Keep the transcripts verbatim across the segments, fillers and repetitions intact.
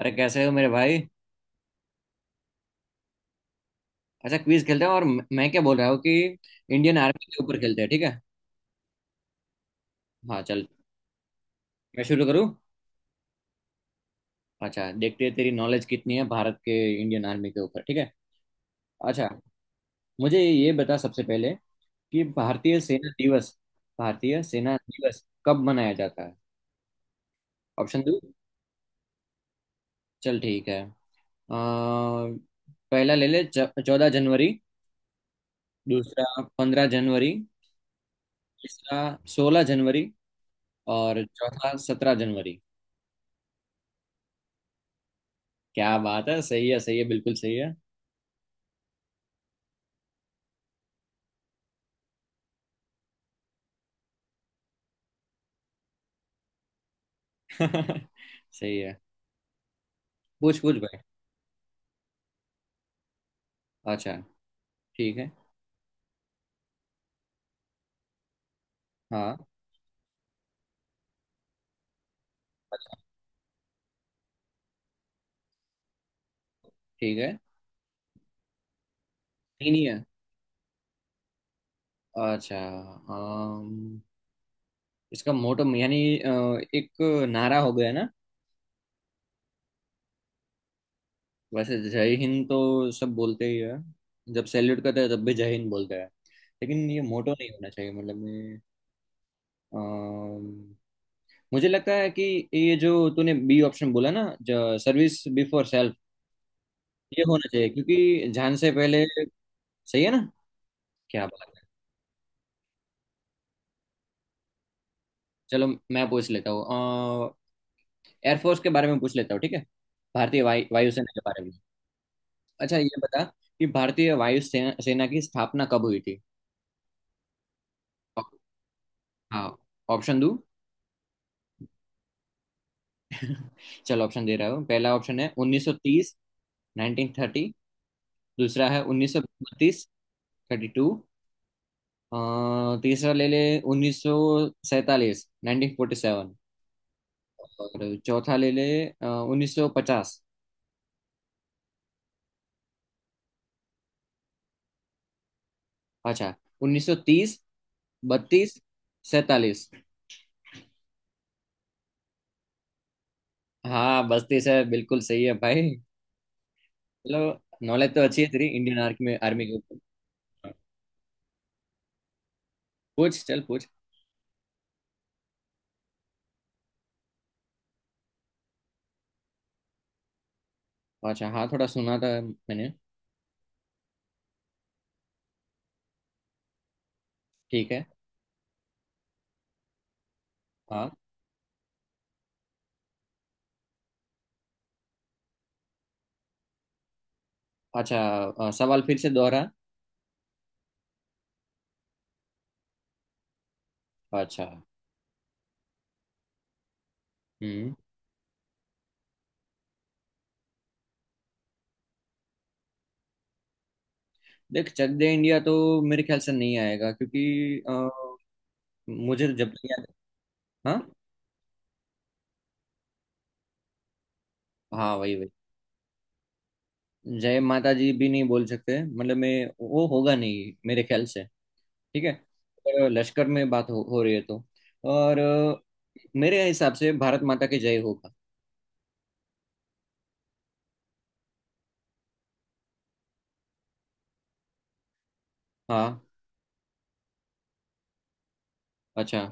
अरे कैसे हो मेरे भाई? अच्छा, क्विज खेलते हैं और म- मैं क्या बोल रहा हूँ कि इंडियन आर्मी के ऊपर खेलते हैं, ठीक है। हाँ चल। मैं शुरू करूँ। अच्छा, देखते हैं तेरी नॉलेज कितनी है भारत के, इंडियन आर्मी के ऊपर, ठीक है। अच्छा, मुझे ये बता सबसे पहले कि भारतीय सेना दिवस भारतीय सेना दिवस कब मनाया जाता है। ऑप्शन दो। चल ठीक है। अ, पहला ले ले, चौदह जनवरी। दूसरा, पंद्रह जनवरी। तीसरा, सोलह जनवरी। और चौथा, सत्रह जनवरी। क्या बात है, सही है, सही है, बिल्कुल सही है। सही है। पूछ पूछ भाई। अच्छा ठीक है। हाँ ठीक है। नहीं, नहीं है। अच्छा। अम, इसका मोटो यानी अ, एक नारा हो गया ना। वैसे जय हिंद तो सब बोलते ही है। जब सैल्यूट करते हैं तब भी जय हिंद बोलते हैं। लेकिन ये मोटो नहीं होना चाहिए, मतलब ये। अम, मुझे लगता है कि ये जो तूने बी ऑप्शन बोला ना, जो सर्विस बिफोर सेल्फ, ये होना चाहिए क्योंकि जान से पहले, सही है ना? क्या बात है। चलो, मैं पूछ लेता हूँ। एयरफोर्स के बारे में पूछ लेता हूँ, ठीक है। भारतीय वायु वायुसेना के बारे में। अच्छा, ये बता कि भारतीय वायुसेना सेना की स्थापना कब हुई थी। ऑप- हाँ, ऑप्शन दो। चलो, ऑप्शन दे रहा हूँ। पहला ऑप्शन है नाइनटीन थर्टी। उन्नीस सौ तीस। दूसरा है उन्नीस सौ बत्तीस। बत्तीस। तीसरा ले ले, nineteen forty seven. Nineteen forty seven. और चौथा ले ले अ, उन्नीस सौ पचास। अच्छा। उन्नीस सौ तीस, बत्तीस, सैंतालीस। हाँ, बस्ती से बिल्कुल सही है भाई। चलो। नॉलेज तो अच्छी है तेरी, इंडियन आर्मी में, आर्मी के ऊपर। हाँ, पूछ चल पूछ। अच्छा, हाँ, थोड़ा सुना था मैंने। ठीक है। हाँ। अच्छा, अ, सवाल फिर से दोहरा। अच्छा। हम्म। देख, चक दे इंडिया तो मेरे ख्याल से नहीं आएगा क्योंकि अ, मुझे तो जब तक याद। हाँ, हाँ वही वही। जय माता जी भी नहीं बोल सकते, मतलब मैं, वो होगा नहीं मेरे ख्याल से। ठीक है। अगर लश्कर में बात हो, हो रही है तो और अ, मेरे हिसाब से भारत माता की जय होगा। हाँ। अच्छा।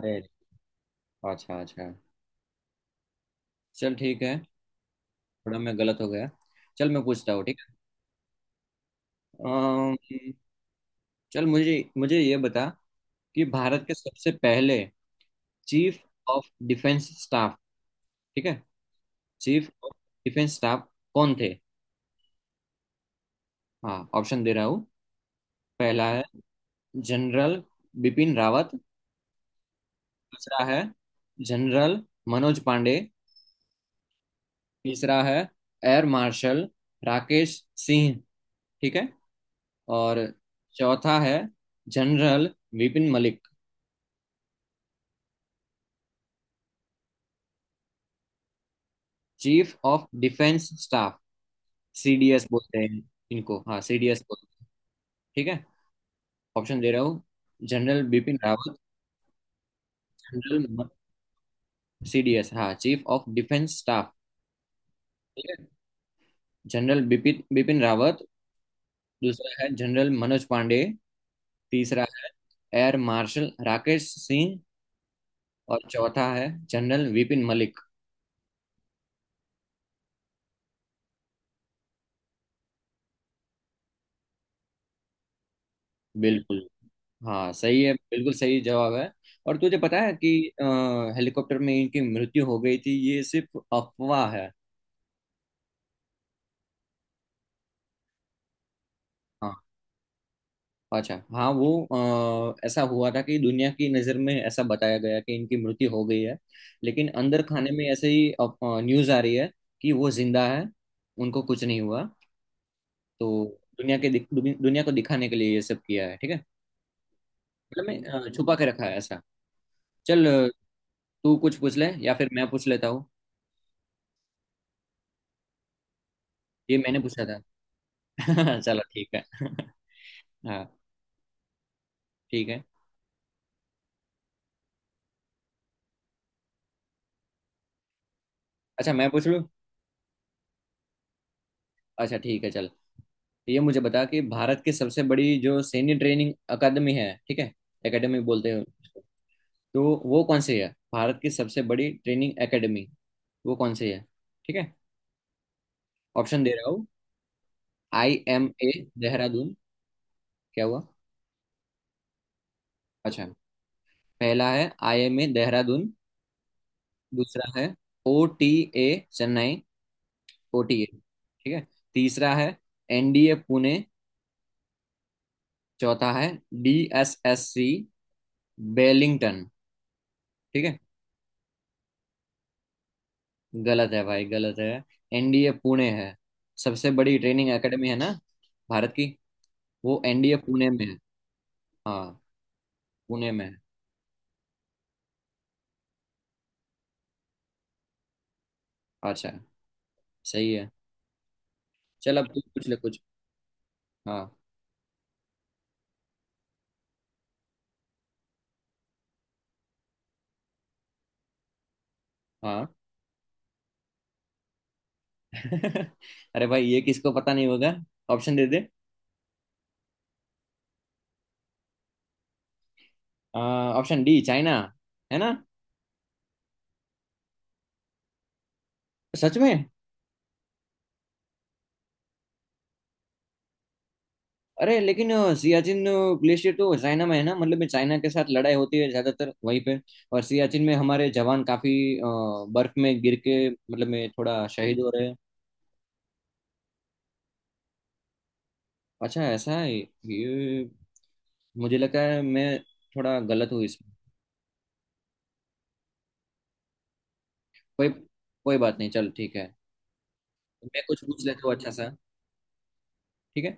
अरे, अच्छा अच्छा, चल ठीक है। थोड़ा मैं गलत हो गया। चल, मैं पूछता हूँ, ठीक है। अम, चल मुझे मुझे ये बता कि भारत के सबसे पहले चीफ ऑफ डिफेंस स्टाफ, ठीक है, चीफ ऑफ डिफेंस स्टाफ कौन थे। हाँ, ऑप्शन दे रहा हूँ। पहला है जनरल बिपिन रावत। दूसरा है जनरल मनोज पांडे। तीसरा है एयर मार्शल राकेश सिंह। ठीक है। और चौथा है general Vipin Malik. Chief of defence staff, CDS बोलते हैं इनको। हाँ, सीडीएस बोलते हैं। ठीक है। ऑप्शन दे रहा हूँ। General Bipin Rawat. General, CDS, हाँ, चीफ ऑफ डिफेंस स्टाफ। ठीक है। जनरल बिपिन बिपिन रावत। दूसरा है जनरल मनोज पांडे। तीसरा है एयर मार्शल राकेश सिंह। और चौथा है जनरल विपिन मलिक। बिल्कुल। हाँ सही है, बिल्कुल सही जवाब है। और तुझे पता है कि अ, हेलीकॉप्टर में इनकी मृत्यु हो गई थी, ये सिर्फ अफवाह है। हाँ। अच्छा, हाँ, वो अ, ऐसा हुआ था कि दुनिया की नज़र में ऐसा बताया गया कि इनकी मृत्यु हो गई है। लेकिन अंदर खाने में ऐसे ही न्यूज़ आ रही है कि वो जिंदा है, उनको कुछ नहीं हुआ। तो दुनिया के दिख- दुनिया को दिखाने के लिए ये सब किया है, ठीक है। मतलब मैं अ, छुपा के रखा है ऐसा। चल अ, तू कुछ पूछ ले या फिर मैं पूछ लेता हूँ। ये मैंने पूछा था। चलो ठीक है। हाँ। ठीक है। अच्छा, मैं पूछ लूँ। अच्छा ठीक है चल। तो ये मुझे बता कि भारत की सबसे बड़ी जो सैन्य ट्रेनिंग अकादमी है, ठीक है, एकेडमी बोलते हैं उसको, तो वो कौन सी है। भारत की सबसे बड़ी ट्रेनिंग एकेडमी, वो कौन सी है, ठीक है। ऑप्शन दे रहा हूँ। I M A Dehradun. क्या हुआ? अच्छा, पहला है आई एम ए देहरादून। दूसरा है O T A Chennai, O T A. ठीक है। तीसरा है एनडीए पुणे। चौथा है D S S C Wellington. ठीक है। गलत है भाई, गलत है। एनडीए पुणे है। सबसे बड़ी ट्रेनिंग एकेडमी है ना भारत की, वो एनडीए पुणे में है। हाँ। पुणे में है। अच्छा। सही है। चल, अब तू पूछ ले कुछ। हाँ। हाँ। अरे भाई, ये किसको पता नहीं होगा? ऑप्शन दे दे। ऑप्शन डी, चाइना, है ना? सच में? अरे लेकिन अ, सियाचिन ग्लेशियर तो चाइना में है ना, मतलब में चाइना के साथ लड़ाई होती है ज्यादातर वहीं पे। और सियाचिन में हमारे जवान काफी अ, बर्फ में गिर के, मतलब में थोड़ा शहीद हो रहे हैं। अच्छा, ऐसा है ये। मुझे लगा है, मैं थोड़ा गलत हूँ इसमें। कोई कोई बात नहीं, चल ठीक है। मैं कुछ पूछ लेता हूँ, अच्छा सा, ठीक है।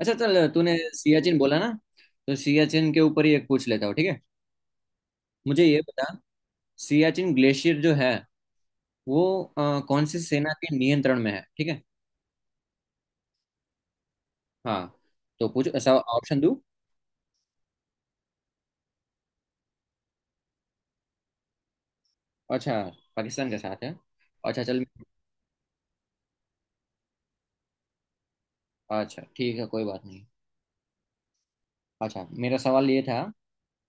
अच्छा चल, तूने सियाचिन बोला ना, तो सियाचिन के ऊपर ही एक पूछ लेता हूँ, ठीक है। मुझे ये बता, सियाचिन ग्लेशियर जो है वो अ, कौन सी सेना के नियंत्रण में है, ठीक है। हाँ, तो पूछो सब। ऑप्शन दूँ। अच्छा, पाकिस्तान के साथ है। अच्छा चल। अच्छा ठीक है, कोई बात नहीं। अच्छा, मेरा सवाल ये था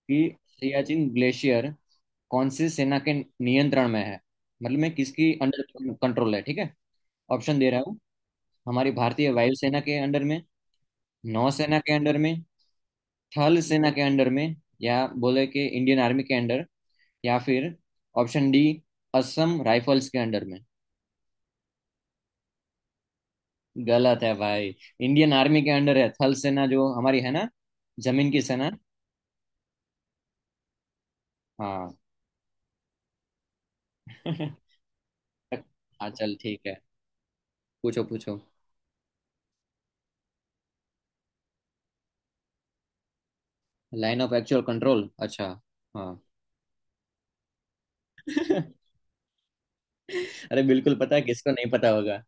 कि सियाचिन ग्लेशियर कौन सी सेना के नियंत्रण में है, मतलब मैं किसकी अंडर कंट्रोल है, ठीक है। ऑप्शन दे रहा हूँ। हमारी भारतीय वायुसेना के अंडर में। नौसेना के अंडर में। थल सेना के अंडर में, या बोले कि इंडियन आर्मी के अंडर। या फिर ऑप्शन डी, असम राइफल्स के अंडर में। गलत है भाई। इंडियन आर्मी के अंडर है, थल सेना जो हमारी है ना, जमीन की सेना। हाँ। हाँ चल ठीक है। पूछो पूछो। Line of actual control. अच्छा। हाँ। अरे बिल्कुल पता है, किसको नहीं पता होगा।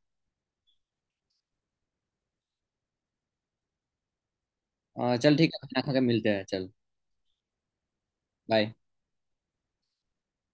आ, चल ठीक है, खाना खा के मिलते हैं, चल। बाय।